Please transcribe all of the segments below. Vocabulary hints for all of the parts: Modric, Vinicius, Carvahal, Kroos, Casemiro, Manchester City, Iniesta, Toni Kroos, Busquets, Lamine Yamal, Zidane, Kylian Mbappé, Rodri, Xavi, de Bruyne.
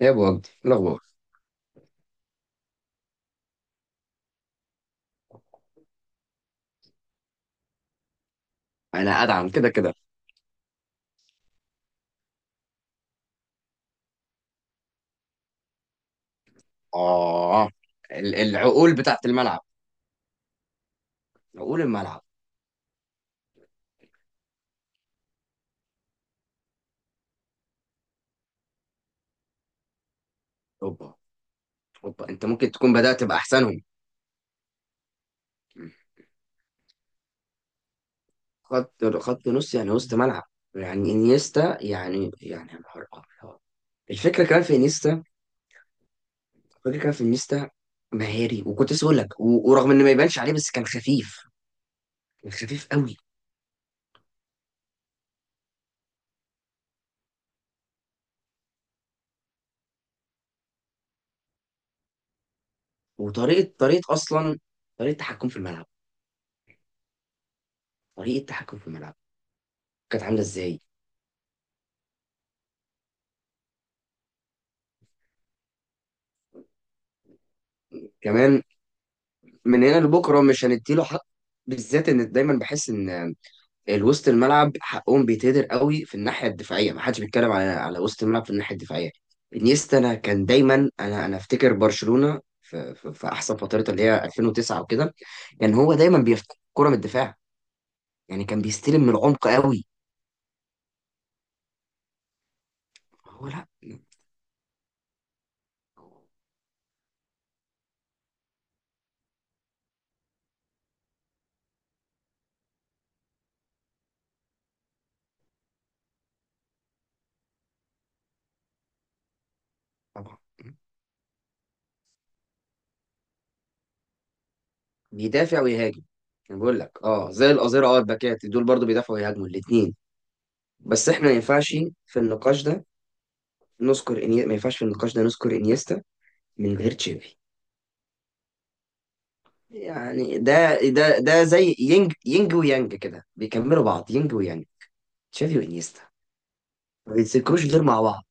يا ابو وجدي، إيه الاخبار؟ انا ادعم كده كده. اه، العقول بتاعت الملعب، عقول الملعب. اوبا، اوبا، انت ممكن تكون بدأت باحسنهم. خط نص يعني وسط ملعب. يعني انيستا، يعني يا نهار أبيض. الفكره كمان في انيستا. الفكره كمان في انيستا. مهاري. وكنت لسه بقول لك، ورغم ان ما يبانش عليه بس كان خفيف، كان خفيف قوي. وطريقه اصلا، طريقه تحكم في الملعب. طريقه تحكم في الملعب كانت عامله ازاي. كمان من هنا لبكره مش هنديله حق، بالذات ان دايما بحس ان الوسط الملعب حقهم بيتهدر قوي في الناحيه الدفاعيه. ما حدش بيتكلم على وسط الملعب في الناحيه الدفاعيه. انيستا، انا كان دايما، انا افتكر برشلونه في احسن فترتها اللي هي 2009 وكده. كان هو دايما بيفتح كره من الدفاع. يعني كان بيستلم من العمق قوي. هو لا. طبعا. بيدافع ويهاجم. انا بقول لك اه، زي القذيره، اه الباكات دول برضو بيدافعوا ويهاجموا الاثنين. بس احنا ما ينفعش في النقاش ده نذكر ما ينفعش في النقاش ده نذكر انيستا من غير تشافي. يعني ده زي ينج ينج ويانج كده بيكملوا بعض، ينج ويانج، تشافي وانيستا. ما بيتذكروش غير مع بعض.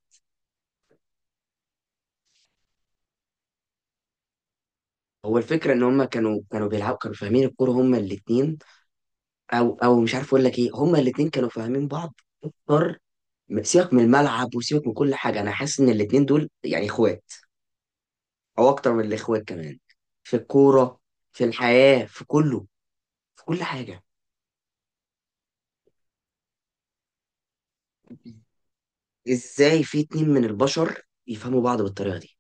هو الفكره ان هم كانوا بيلعبوا، كانوا فاهمين الكوره هم الاثنين. او مش عارف اقول لك ايه. هم الاثنين كانوا فاهمين بعض اكتر. سيبك من الملعب وسيبك من كل حاجه، انا حاسس ان الاثنين دول يعني اخوات، او اكتر من الاخوات كمان. في الكوره، في الحياه، في كله، في كل حاجه. ازاي في اتنين من البشر يفهموا بعض بالطريقه دي.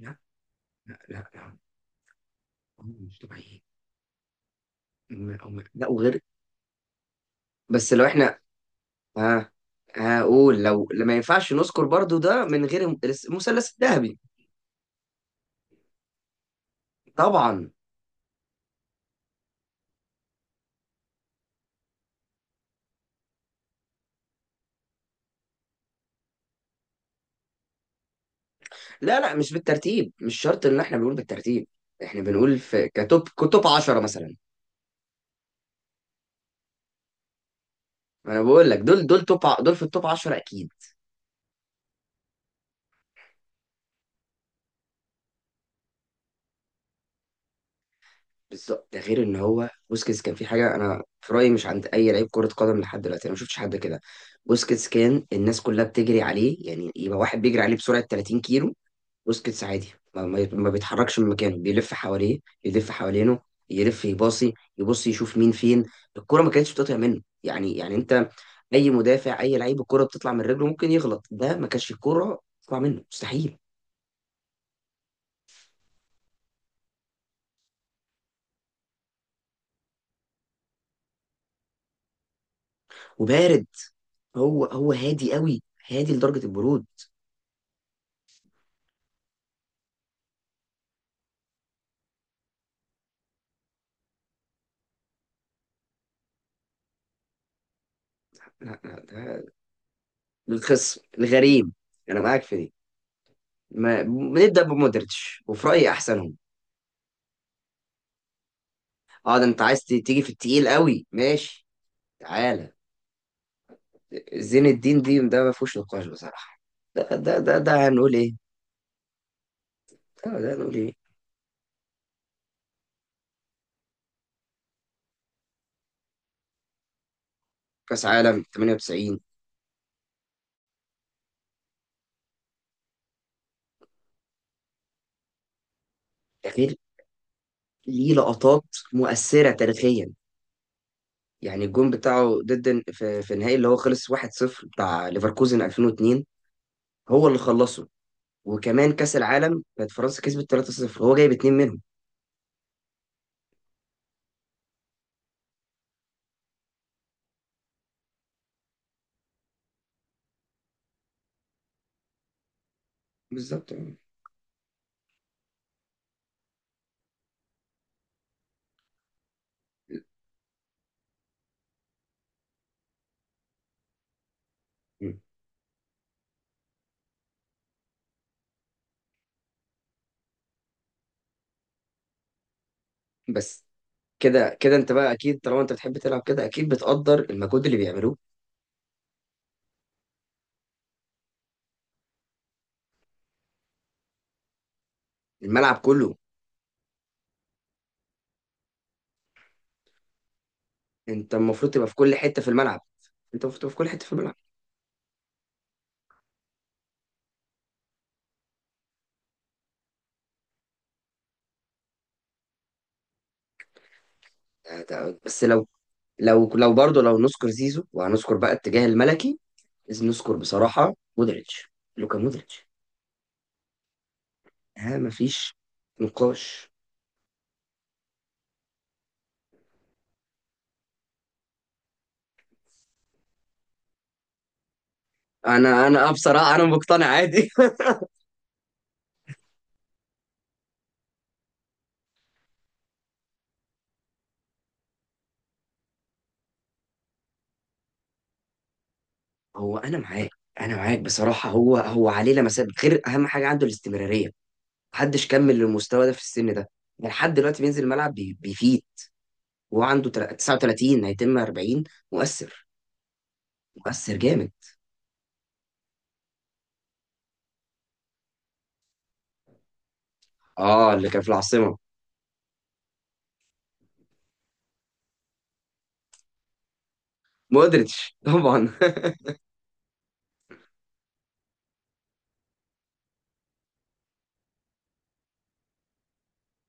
لا، لا، لا، لا. هم مش طبيعيين. لا وغير. بس لو احنا، ها، هقول لو ما ينفعش نذكر برضو ده من غير المثلث الذهبي. طبعا. لا، لا، مش بالترتيب، مش شرط ان احنا بنقول بالترتيب. احنا بنقول في كتوب 10 مثلا. انا بقول لك دول في التوب 10 اكيد. بالظبط، ده غير ان هو بوسكيتس كان في حاجه، انا في رايي مش عند اي لعيب كره قدم لحد دلوقتي، انا ما شفتش حد كده. بوسكيتس كان الناس كلها بتجري عليه، يعني يبقى واحد بيجري عليه بسرعه 30 كيلو، بوسكيتس عادي. ما بيتحركش من مكانه، بيلف حواليه، يلف حوالينه. يلف، يباصي، يبص، يشوف مين فين. الكره ما كانتش بتقطع منه. يعني انت، اي مدافع، اي لعيب الكره بتطلع من رجله ممكن يغلط، ده ما كانش الكره تطلع منه مستحيل. وبارد. هو هادي قوي، هادي لدرجه البرود. لا، لا، ده للخصم الغريم. انا معاك في دي، ما بنبدا بمودريتش وفي رايي احسنهم. اه ده انت عايز تيجي في التقيل قوي، ماشي، تعالى. زين الدين دي، ده ما فيهوش نقاش بصراحه. ده هنقول ايه؟ ده هنقول ايه؟ كاس عالم 98، ده غير ليه لقطات مؤثره تاريخيا. يعني الجون بتاعه ضد، في النهائي اللي هو خلص 1-0 بتاع ليفركوزن 2002، هو اللي خلصه. وكمان كاس العالم كانت فرنسا كسبت 3-0، هو جايب اتنين منهم. بالظبط. بس كده كده انت بقى اكيد، طالما انت بتحب تلعب كده اكيد بتقدر المجهود اللي بيعملوه، الملعب كله. انت المفروض تبقى في كل حته في الملعب. انت المفروض تبقى في كل حته في الملعب. بس لو برضه لو نذكر زيزو، وهنذكر بقى الاتجاه الملكي لازم نذكر بصراحه مودريتش، لوكا مودريتش. ها، مفيش نقاش. انا آه، بصراحه انا مقتنع عادي. هو انا معاك. بصراحه هو عليه لمسات غير. اهم حاجه عنده الاستمراريه. محدش كمل للمستوى ده في السن ده. ده لحد دلوقتي بينزل الملعب بيفيد. وهو عنده 39 هيتم 40. مؤثر، مؤثر جامد. اه اللي كان في العاصمة. مودريتش طبعا.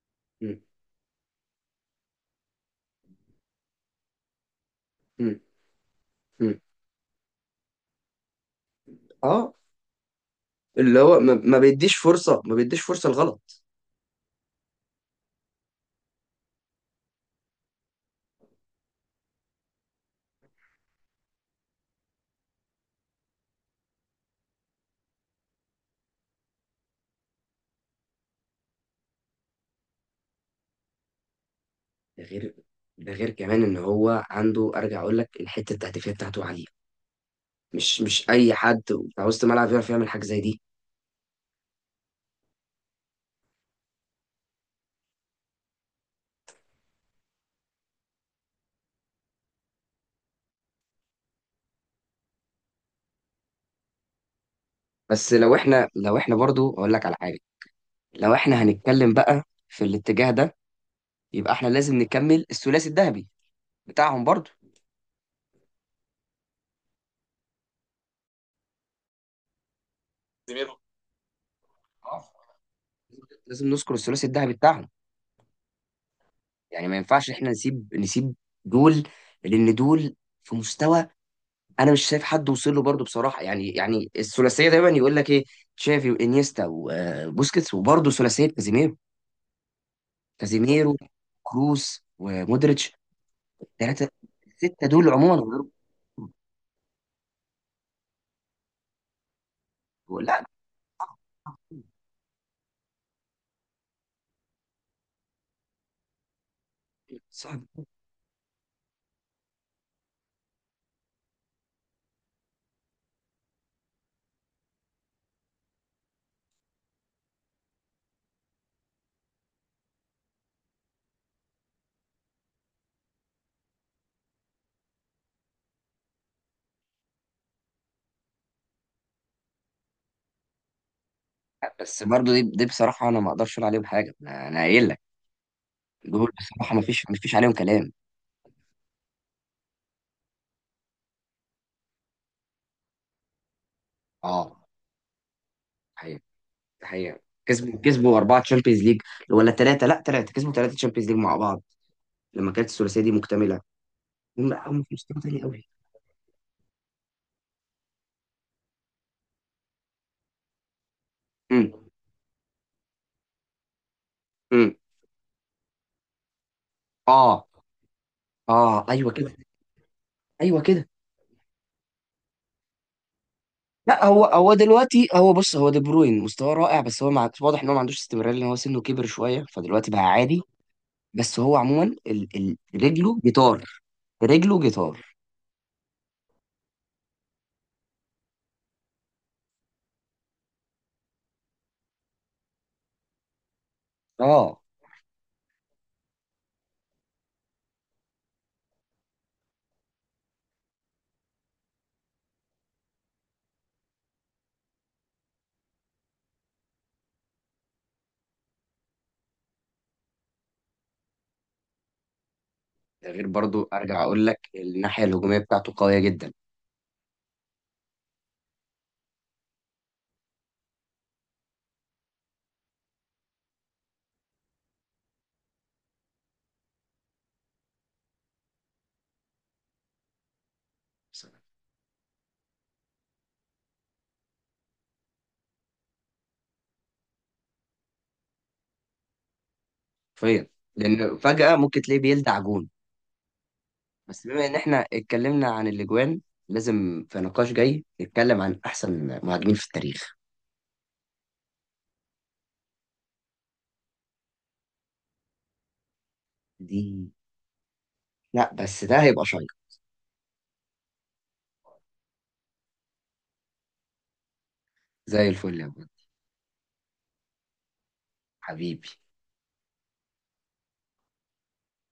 م- م- م. اه اللي هو ما بيديش فرصة، ما بيديش فرصة لغلط. ده غير، ده غير كمان ان هو عنده، ارجع اقول لك الحتة التهديفية بتاعته عالية. مش اي حد بتاع وسط الملعب يعرف يعمل حاجة زي دي. بس لو احنا برضو اقول لك على حاجة. لو احنا هنتكلم بقى في الاتجاه ده، يبقى احنا لازم نكمل الثلاثي الذهبي بتاعهم برضو. زميلهم. لازم نذكر الثلاثي الذهبي بتاعهم. يعني ما ينفعش احنا نسيب دول، لان دول في مستوى. انا مش شايف حد وصل له برضه بصراحه. يعني الثلاثيه دايما يقول لك ايه: تشافي وانيستا وبوسكيتس. وبرضه ثلاثيه كازيميرو، كازيميرو كروس ومودريتش. ثلاثه. السته دول عموما غير. لا صعب. بس برضه دي بصراحه انا ما اقدرش اقول عليهم حاجه. انا قايل لك دول بصراحه، ما فيش عليهم كلام. اه، حقيقة، حقيقة. كسبوا 4 تشامبيونز ليج، ولا 3، لا 3. كسبوا 3 تشامبيونز ليج مع بعض لما كانت الثلاثية دي مكتملة. هم، لا، هم في مستوى تاني قوي. امم، امم، اه، اه، ايوه كده، ايوه كده. لا، هو دلوقتي، هو بص، هو دي بروين مستواه رائع. بس هو واضح ان هو ما عندوش استمرار، لان هو سنه كبر شوية، فدلوقتي بقى عادي. بس هو عموما رجله جيتار، رجله جيتار. اه. ده غير برضو، ارجع اقول لك الناحية الهجومية بتاعته قوية جدا. حرفيا، لان فجأة ممكن تلاقيه بيلدع جون. بس بما ان احنا اتكلمنا عن الاجوان، لازم في نقاش جاي نتكلم عن احسن مهاجمين في التاريخ. دي. لا بس ده هيبقى شيق. زي الفل يا ابو حبيبي.